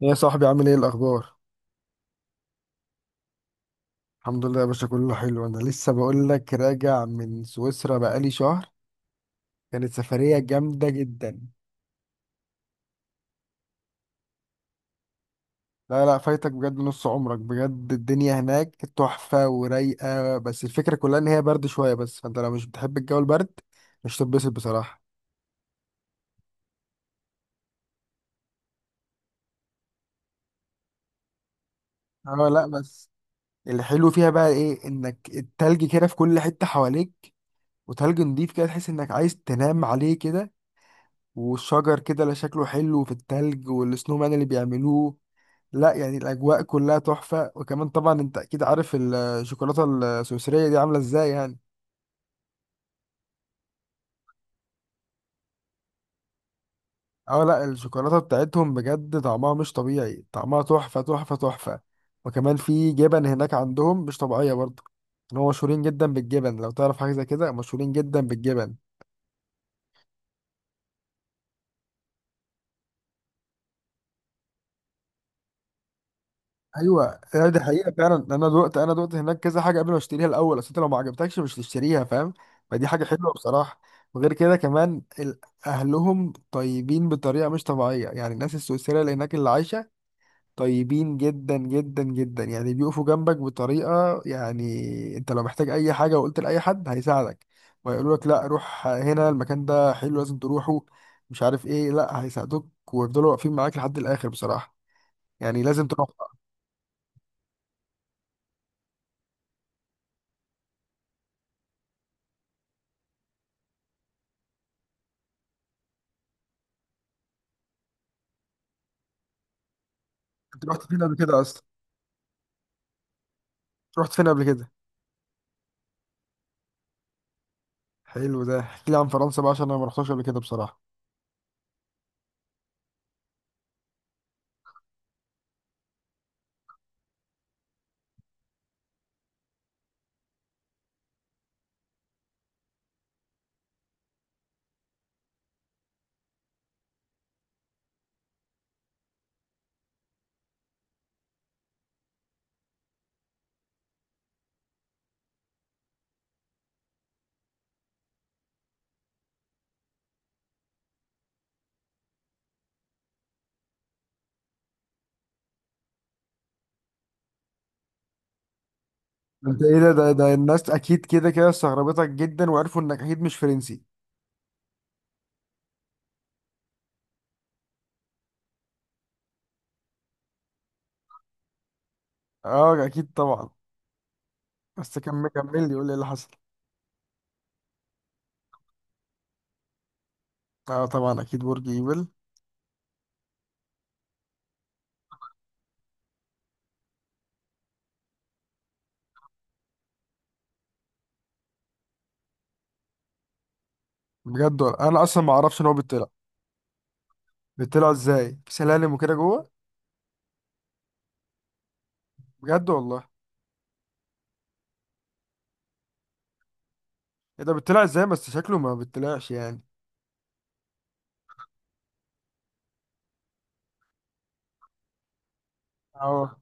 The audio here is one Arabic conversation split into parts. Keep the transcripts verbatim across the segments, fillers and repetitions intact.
يا صاحبي، عامل ايه الاخبار؟ الحمد لله يا باشا، كله حلو. انا لسه بقول لك راجع من سويسرا بقالي شهر. كانت سفرية جامدة جدا. لا لا، فايتك بجد، نص عمرك بجد. الدنيا هناك تحفة ورايقة، بس الفكرة كلها ان هي برد شوية بس. فانت لو مش بتحب الجو البرد مش تتبسط بصراحة. اه لا بس. الحلو فيها بقى ايه؟ انك التلج كده في كل حتة حواليك، وتلج نضيف كده تحس انك عايز تنام عليه كده. والشجر كده، لا شكله حلو في التلج، والسنومان اللي بيعملوه. لا يعني الاجواء كلها تحفه. وكمان طبعا انت اكيد عارف الشوكولاته السويسريه دي عامله ازاي يعني. اه لا، الشوكولاته بتاعتهم بجد طعمها مش طبيعي، طعمها تحفه تحفه تحفه. وكمان في جبن هناك عندهم مش طبيعيه برضه. ان هو مشهورين جدا بالجبن، لو تعرف حاجه زي كده، مشهورين جدا بالجبن. ايوه أيوة، دي حقيقه فعلا. انا دقت انا دقت هناك كذا حاجه قبل ما اشتريها الاول. اصل انت لو ما عجبتكش مش تشتريها، فاهم. فدي حاجه حلوه بصراحه. وغير كده كمان ال- اهلهم طيبين بطريقه مش طبيعيه. يعني الناس السويسريه اللي هناك اللي عايشه طيبين جدا جدا جدا، يعني بيقفوا جنبك بطريقه يعني. انت لو محتاج اي حاجه وقلت لاي حد هيساعدك، ويقولوا لك لا روح هنا المكان ده حلو لازم تروحه، مش عارف ايه. لا هيساعدوك ويفضلوا واقفين معاك لحد الاخر بصراحه. يعني لازم تروح. انت رحت فين قبل كده اصلا؟ رحت فين قبل كده؟ حلو، ده احكي لي عن فرنسا بقى، عشان انا ما رحتش قبل كده بصراحه. انت ايه ده ده, ده الناس اكيد كده كده استغربتك جدا وعرفوا انك اكيد مش فرنسي. اه اكيد طبعا. بس كمل كمل لي، قول لي ايه اللي حصل. اه طبعا اكيد برج ايفل. بجد ولا؟ انا اصلا ما اعرفش ان هو بيطلع. بيطلع ازاي؟ في سلالم وكده جوه؟ بجد والله؟ ايه ده بيطلع ازاي؟ بس شكله ما بيطلعش يعني. اه.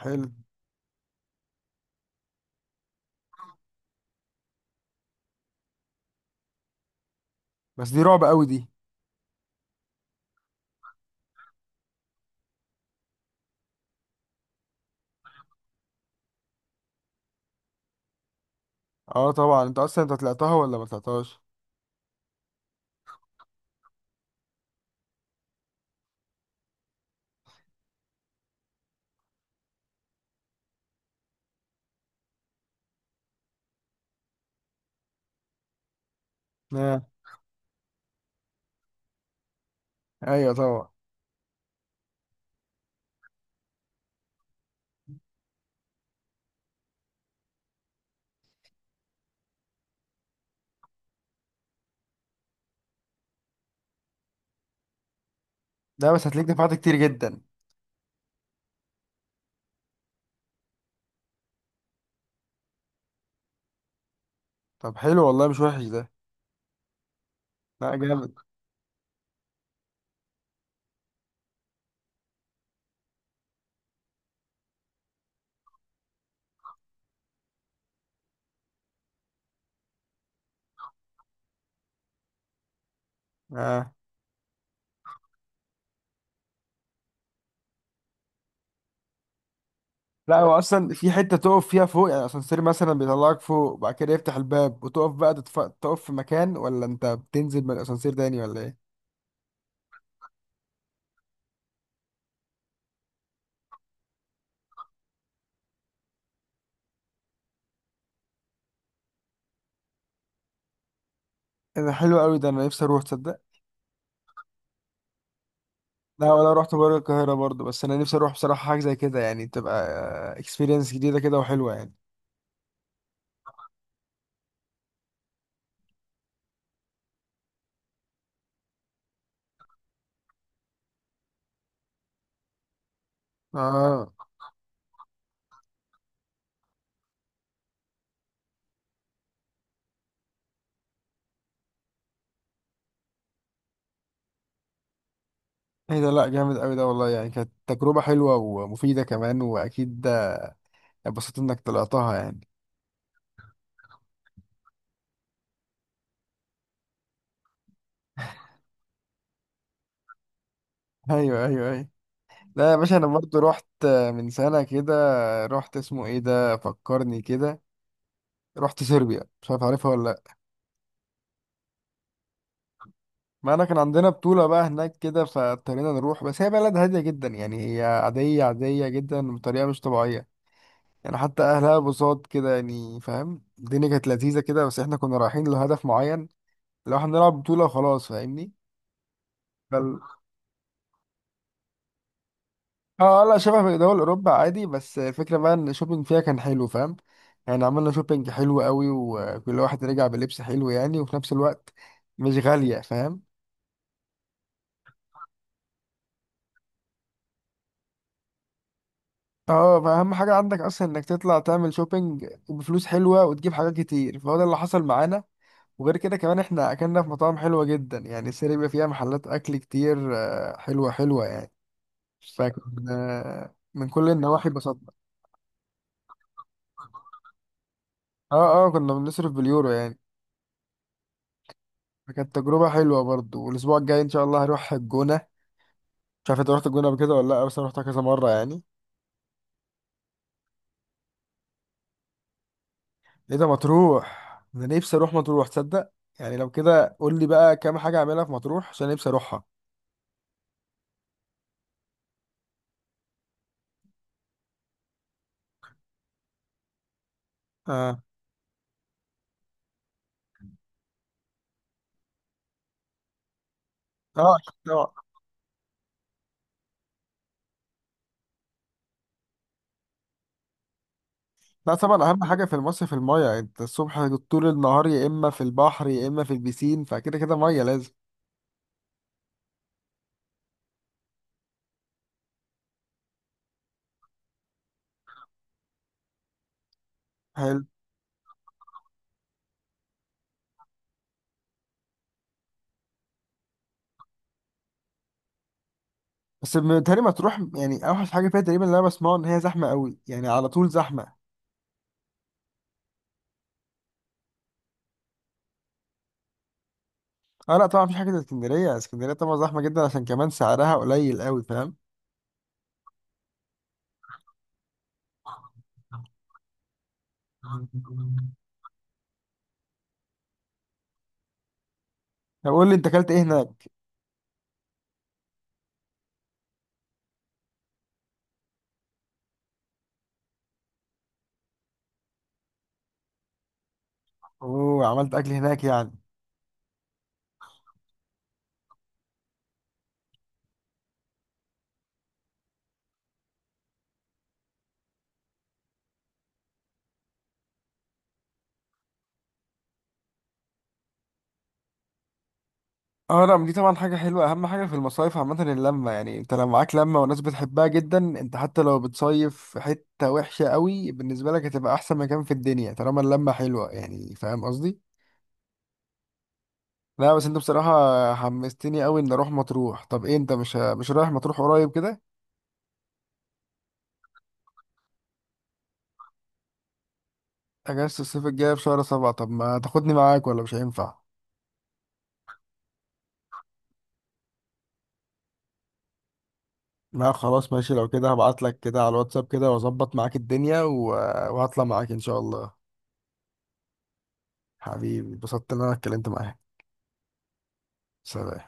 حلو. بس دي رعب قوي دي. اه طبعا. انت اصلا انت طلعتها ولا ما طلعتهاش؟ اه ايوه طبعا. لا بس هتلاقيك دفعت كتير جدا. طب حلو والله، مش وحش ده. لا جامد. آه. لا هو اصلا في حته تقف فيها فوق، يعني اسانسير مثلا بيطلعك فوق وبعد كده يفتح الباب وتقف بقى تتف... تقف في مكان، ولا انت بتنزل من الاسانسير تاني ولا ايه؟ إيه ده حلو قوي ده، انا نفسي اروح تصدق. لا ولا رحت بره القاهره برضه، بس انا نفسي اروح بصراحه حاجه زي كده، يعني تبقى اكسبيرينس جديده كده وحلوه يعني. اه ايه ده، لا جامد قوي ده والله. يعني كانت تجربه حلوه ومفيده كمان، واكيد اتبسطت انك طلعتها يعني. ايوه ايوه ايوه. لا يا باشا، انا برضه رحت من سنه كده. رحت اسمه ايه ده، فكرني كده. رحت صربيا، مش عارف عارفها ولا لا. ما انا كان عندنا بطولة بقى هناك كده، فاضطرينا نروح. بس هي بلد هادية جدا، يعني هي عادية عادية جدا بطريقة مش طبيعية. يعني حتى اهلها بساط كده، يعني فاهم. الدنيا كانت لذيذة كده، بس احنا كنا رايحين لهدف معين، لو احنا نلعب بطولة خلاص، فاهمني. فال... اه آه، لا شبه دول اوروبا عادي. بس الفكرة بقى ان الشوبينج فيها كان حلو فاهم. يعني عملنا شوبينج حلو قوي، وكل واحد رجع بلبس حلو يعني، وفي نفس الوقت مش غالية فاهم. اه، ما اهم حاجه عندك اصلا انك تطلع تعمل شوبينج بفلوس حلوه وتجيب حاجات كتير، فهو ده اللي حصل معانا. وغير كده كمان، احنا اكلنا في مطاعم حلوه جدا. يعني السرير بيبقى فيها محلات اكل كتير آه، حلوه حلوه يعني. فكان آه، من كل النواحي اتبسطنا. اه اه، كنا بنصرف باليورو يعني. فكانت تجربه حلوه برضو. والاسبوع الجاي ان شاء الله هروح الجونه. مش عارف انت رحت الجونه قبل كده ولا لا، بس انا رحتها كذا مره يعني. ايه ده مطروح؟ انا نفسي اروح مطروح تصدق. يعني لو كده قول لي بقى كام حاجه اعملها في مطروح، عشان نفسي اروحها. آه، اه اه. لا طبعا اهم حاجه في المصيف الميه. انت الصبح طول النهار يا اما في البحر يا اما في البسين، فكده كده ميه لازم. حلو. بس بيتهيألي ما تروح يعني، اوحش حاجه فيها تقريبا اللي انا بسمعه ان هي زحمه قوي، يعني على طول زحمه. اه لا طبعا مفيش حاجه زي اسكندريه. اسكندريه طبعا زحمه جدا، عشان كمان سعرها قليل قوي فاهم. طب قول لي انت اكلت ايه هناك. اوه، عملت اكل هناك يعني؟ اه لا دي طبعا حاجة حلوة. أهم حاجة في المصايف عامة اللمة. يعني أنت لو معاك لمة وناس بتحبها جدا، أنت حتى لو بتصيف في حتة وحشة قوي بالنسبة لك، هتبقى أحسن مكان في الدنيا طالما اللمة حلوة، يعني فاهم قصدي؟ لا بس أنت بصراحة حمستني قوي إن أروح مطروح. طب إيه، أنت مش مش رايح مطروح قريب كده؟ أجازة الصيف الجاية في شهر سبعة؟ طب ما تاخدني معاك ولا مش هينفع؟ لا خلاص ماشي، لو كده هبعتلك كده على الواتساب كده وأظبط معاك الدنيا و... وهطلع معاك إن شاء الله. حبيبي، اتبسطت إن أنا اتكلمت معاك. سلام.